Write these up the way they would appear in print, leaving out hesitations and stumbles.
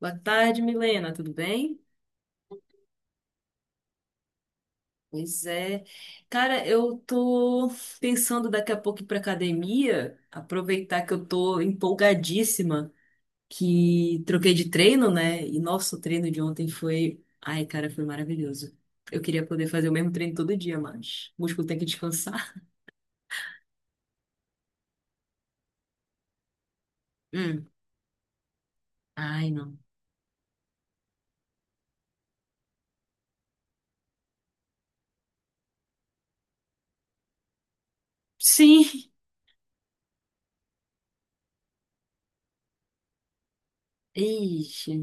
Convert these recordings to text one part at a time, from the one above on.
Boa tarde, Milena, tudo bem? Pois é. Cara, eu tô pensando daqui a pouco ir pra academia, aproveitar que eu tô empolgadíssima, que troquei de treino, né? E nosso treino de ontem foi. Ai, cara, foi maravilhoso. Eu queria poder fazer o mesmo treino todo dia, mas o músculo tem que descansar. Hum. Ai, não. Sim! Ixi,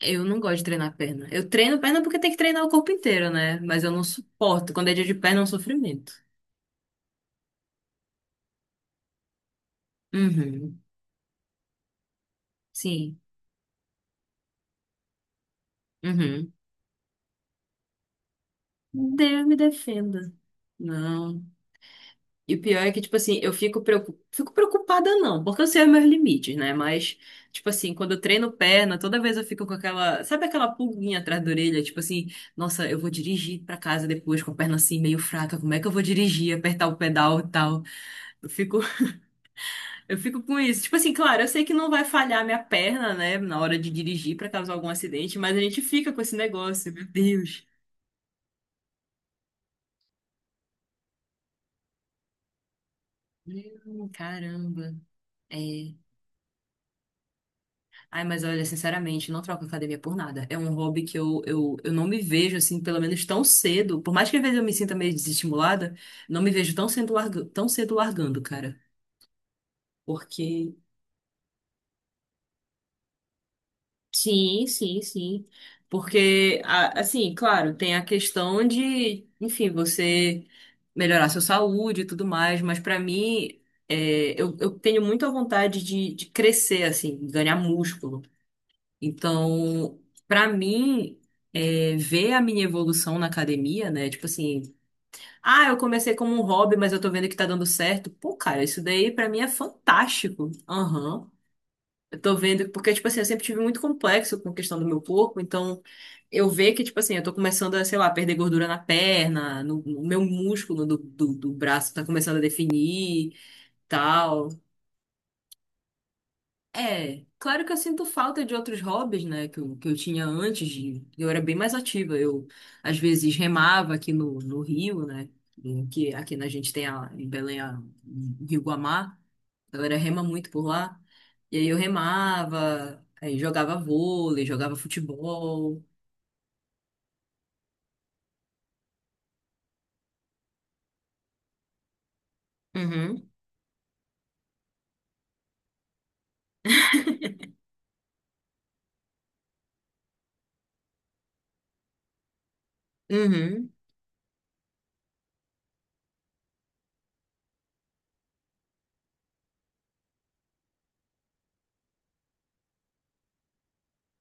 eu não gosto de treinar perna. Eu treino perna porque tem que treinar o corpo inteiro, né? Mas eu não suporto. Quando é dia de perna, é um sofrimento. Uhum. Sim. Uhum. Deus me defenda. Não. E o pior é que, tipo assim, eu fico preocupada. Fico preocupada, não, porque eu sei os meus limites, né? Mas, tipo assim, quando eu treino perna, toda vez eu fico com aquela. Sabe aquela pulguinha atrás da orelha? Tipo assim, nossa, eu vou dirigir pra casa depois com a perna assim meio fraca. Como é que eu vou dirigir, apertar o pedal e tal? Eu fico, eu fico com isso. Tipo assim, claro, eu sei que não vai falhar minha perna, né? Na hora de dirigir pra causar algum acidente, mas a gente fica com esse negócio, meu Deus. Caramba. É. Ai, mas olha, sinceramente, não troco academia por nada. É um hobby que eu não me vejo, assim, pelo menos tão cedo. Por mais que às vezes eu me sinta meio desestimulada, não me vejo tão cedo, tão cedo largando, cara. Porque. Sim, sim, sim. Porque, assim, claro, tem a questão de, enfim, você melhorar sua saúde e tudo mais, mas pra mim, eu tenho muito a vontade de crescer, assim, ganhar músculo. Então, para mim, ver a minha evolução na academia, né? Tipo assim, ah, eu comecei como um hobby, mas eu tô vendo que tá dando certo. Pô, cara, isso daí pra mim é fantástico. Aham. Eu tô vendo, porque, tipo assim, eu sempre tive muito complexo com a questão do meu corpo, então eu ver que, tipo assim, eu tô começando a, sei lá, perder gordura na perna, no meu músculo do braço tá começando a definir, tal. É, claro que eu sinto falta de outros hobbies, né, que eu tinha antes de. Eu era bem mais ativa, eu às vezes remava aqui no Rio, né, em que aqui na gente tem a, em Belém a, o Rio Guamá, a galera rema muito por lá, e aí eu remava, aí jogava vôlei, jogava futebol. Uhum, uhum,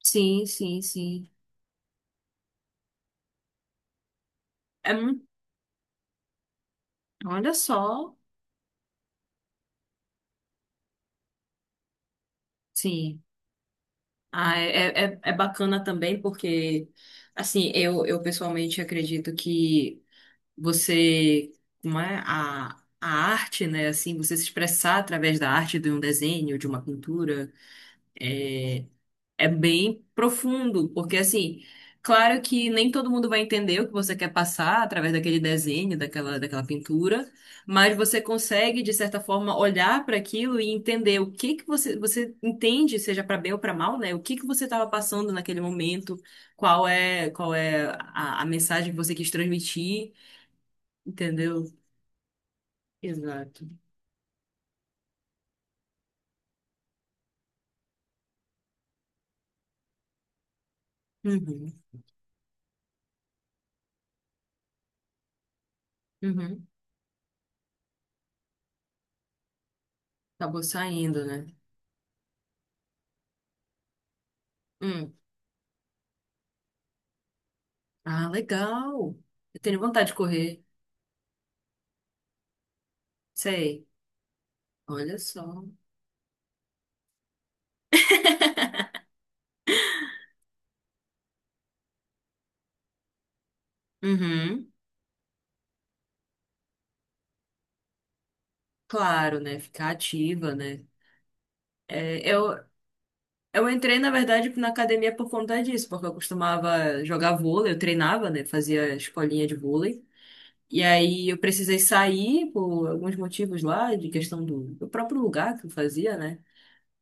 sim, sim, sim. É muito. Olha só, sim. Ah, é bacana também porque, assim, eu pessoalmente acredito que você, como é, a arte, né, assim, você se expressar através da arte de um desenho, de uma pintura, é, é bem profundo, porque assim, claro que nem todo mundo vai entender o que você quer passar através daquele desenho, daquela pintura, mas você consegue, de certa forma, olhar para aquilo e entender o que que você entende, seja para bem ou para mal, né? O que que você estava passando naquele momento, qual é a mensagem que você quis transmitir, entendeu? Exato. Uhum. Uhum. Acabou saindo, né? Hum. Ah, legal. Eu tenho vontade de correr. Sei. Olha só. Uhum. Claro, né? Ficar ativa, né? É, eu entrei, na verdade, na academia por conta disso, porque eu costumava jogar vôlei, eu treinava, né? Fazia escolinha de vôlei. E aí eu precisei sair por alguns motivos lá, de questão do próprio lugar que eu fazia, né?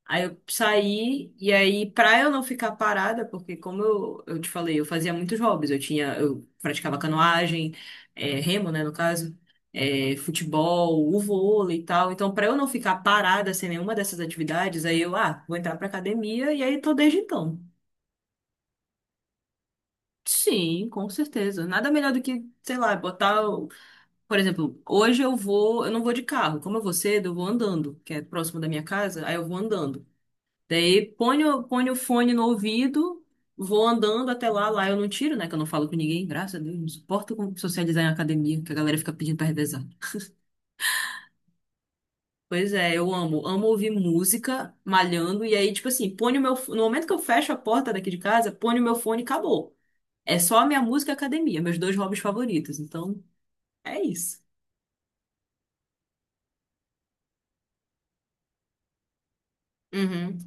Aí eu saí, e aí, pra eu não ficar parada, porque como eu te falei, eu fazia muitos hobbies, eu tinha, eu praticava canoagem, remo, né, no caso, futebol, o vôlei e tal. Então, pra eu não ficar parada sem nenhuma dessas atividades, aí eu, ah, vou entrar pra academia, e aí tô desde então. Sim, com certeza. Nada melhor do que, sei lá, botar. Por exemplo, hoje eu vou, eu não vou de carro. Como eu vou cedo, eu vou andando, que é próximo da minha casa, aí eu vou andando. Daí põe o fone no ouvido, vou andando até lá, lá eu não tiro, né? Que eu não falo com ninguém, graças a Deus, não suporto socializar em academia, que a galera fica pedindo pra revezar. Pois é, eu amo, amo ouvir música, malhando, e aí, tipo assim, põe o meu, fo- no momento que eu fecho a porta daqui de casa, põe o meu fone e acabou. É só a minha música e a academia, meus dois hobbies favoritos, então é isso. Uhum.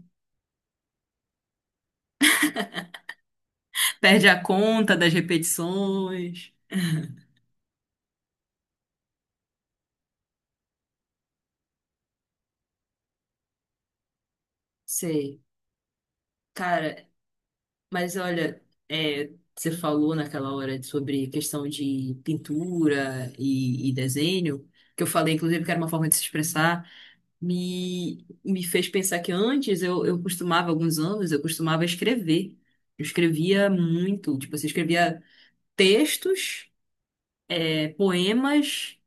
Perde a conta das repetições. Sei. Cara, mas olha, é, você falou naquela hora sobre questão de pintura e desenho, que eu falei, inclusive, que era uma forma de se expressar, me fez pensar que antes eu costumava, alguns anos, eu costumava escrever. Eu escrevia muito, tipo, você escrevia textos, poemas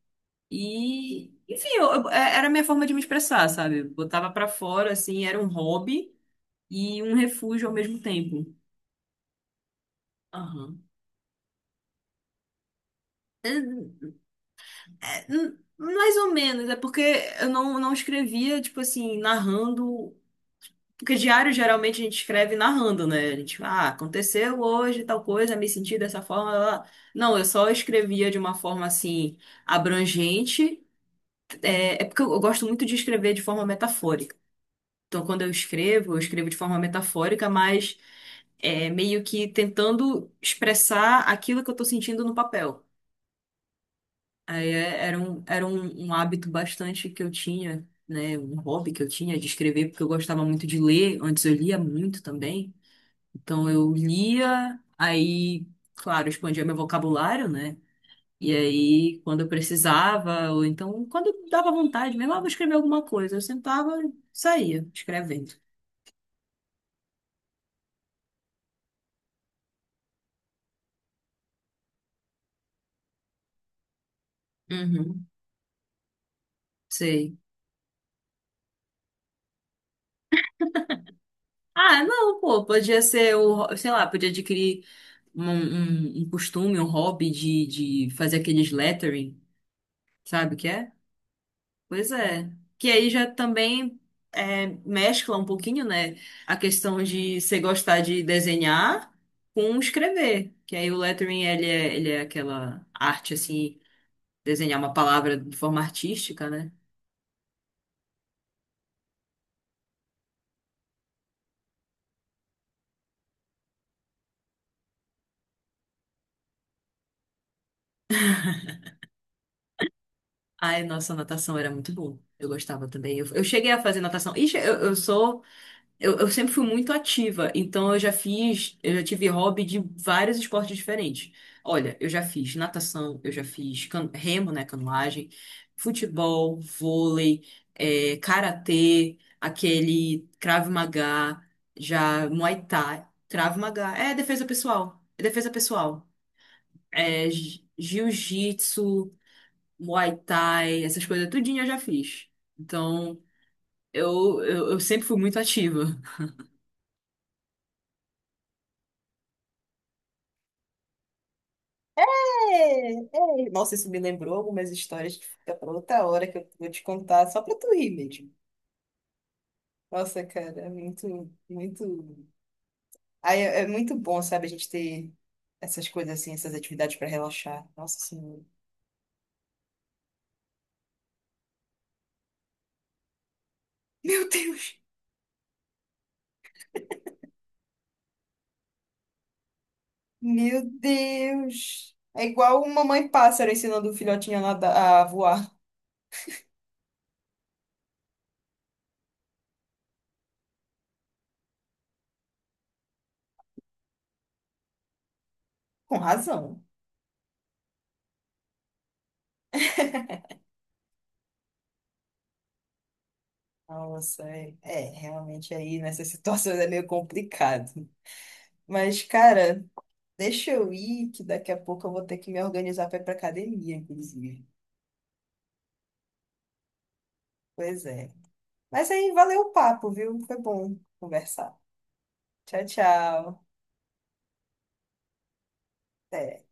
e, enfim, era a minha forma de me expressar, sabe? Eu botava pra fora, assim, era um hobby e um refúgio ao mesmo tempo. Aham. Mais ou menos, é porque eu não escrevia, tipo assim, narrando. Porque diário geralmente a gente escreve narrando, né? A gente, ah, aconteceu hoje tal coisa, me senti dessa forma. Blá, blá. Não, eu só escrevia de uma forma assim, abrangente. É, é porque eu gosto muito de escrever de forma metafórica. Então, quando eu escrevo de forma metafórica, mas meio que tentando expressar aquilo que eu tô sentindo no papel. Aí era um hábito bastante que eu tinha, né? Um hobby que eu tinha de escrever, porque eu gostava muito de ler. Antes eu lia muito também. Então eu lia, aí, claro, expandia meu vocabulário, né? E aí, quando eu precisava, ou então, quando dava vontade mesmo, ah, vou escrever alguma coisa, eu sentava e saía escrevendo. Uhum, sei. Ah, não, pô, podia ser o, sei lá, podia adquirir um costume, um hobby de, fazer aqueles lettering. Sabe o que é? Pois é. Que aí já também mescla um pouquinho, né? A questão de você gostar de desenhar com escrever. Que aí o lettering, ele é aquela arte, assim, desenhar uma palavra de forma artística, né? Ai, nossa, natação era muito bom. Eu gostava também. Eu cheguei a fazer natação. Ixi, eu sempre fui muito ativa, então eu já fiz, eu já tive hobby de vários esportes diferentes. Olha, eu já fiz natação, eu já fiz remo, né, canoagem, futebol, vôlei, karatê, aquele Krav Maga, já Muay Thai, Krav Maga, é defesa pessoal, é defesa pessoal, é jiu-jitsu, Muay Thai, essas coisas tudinho eu já fiz. Então, eu sempre fui muito ativa. É, é. Nossa, isso me lembrou algumas histórias que fica pra outra hora que eu vou te contar, só pra tu rir mesmo. Nossa, cara, é muito, muito. Aí é muito bom, sabe, a gente ter essas coisas assim, essas atividades pra relaxar. Nossa Senhora. Meu Deus! Meu Deus! É igual uma mãe pássaro ensinando o filhotinho a voar. Com razão. Nossa, realmente aí nessas situações é meio complicado. Mas, cara. Deixa eu ir, que daqui a pouco eu vou ter que me organizar para ir para academia, inclusive. Pois é. Mas aí, valeu o papo, viu? Foi bom conversar. Tchau, tchau. Até.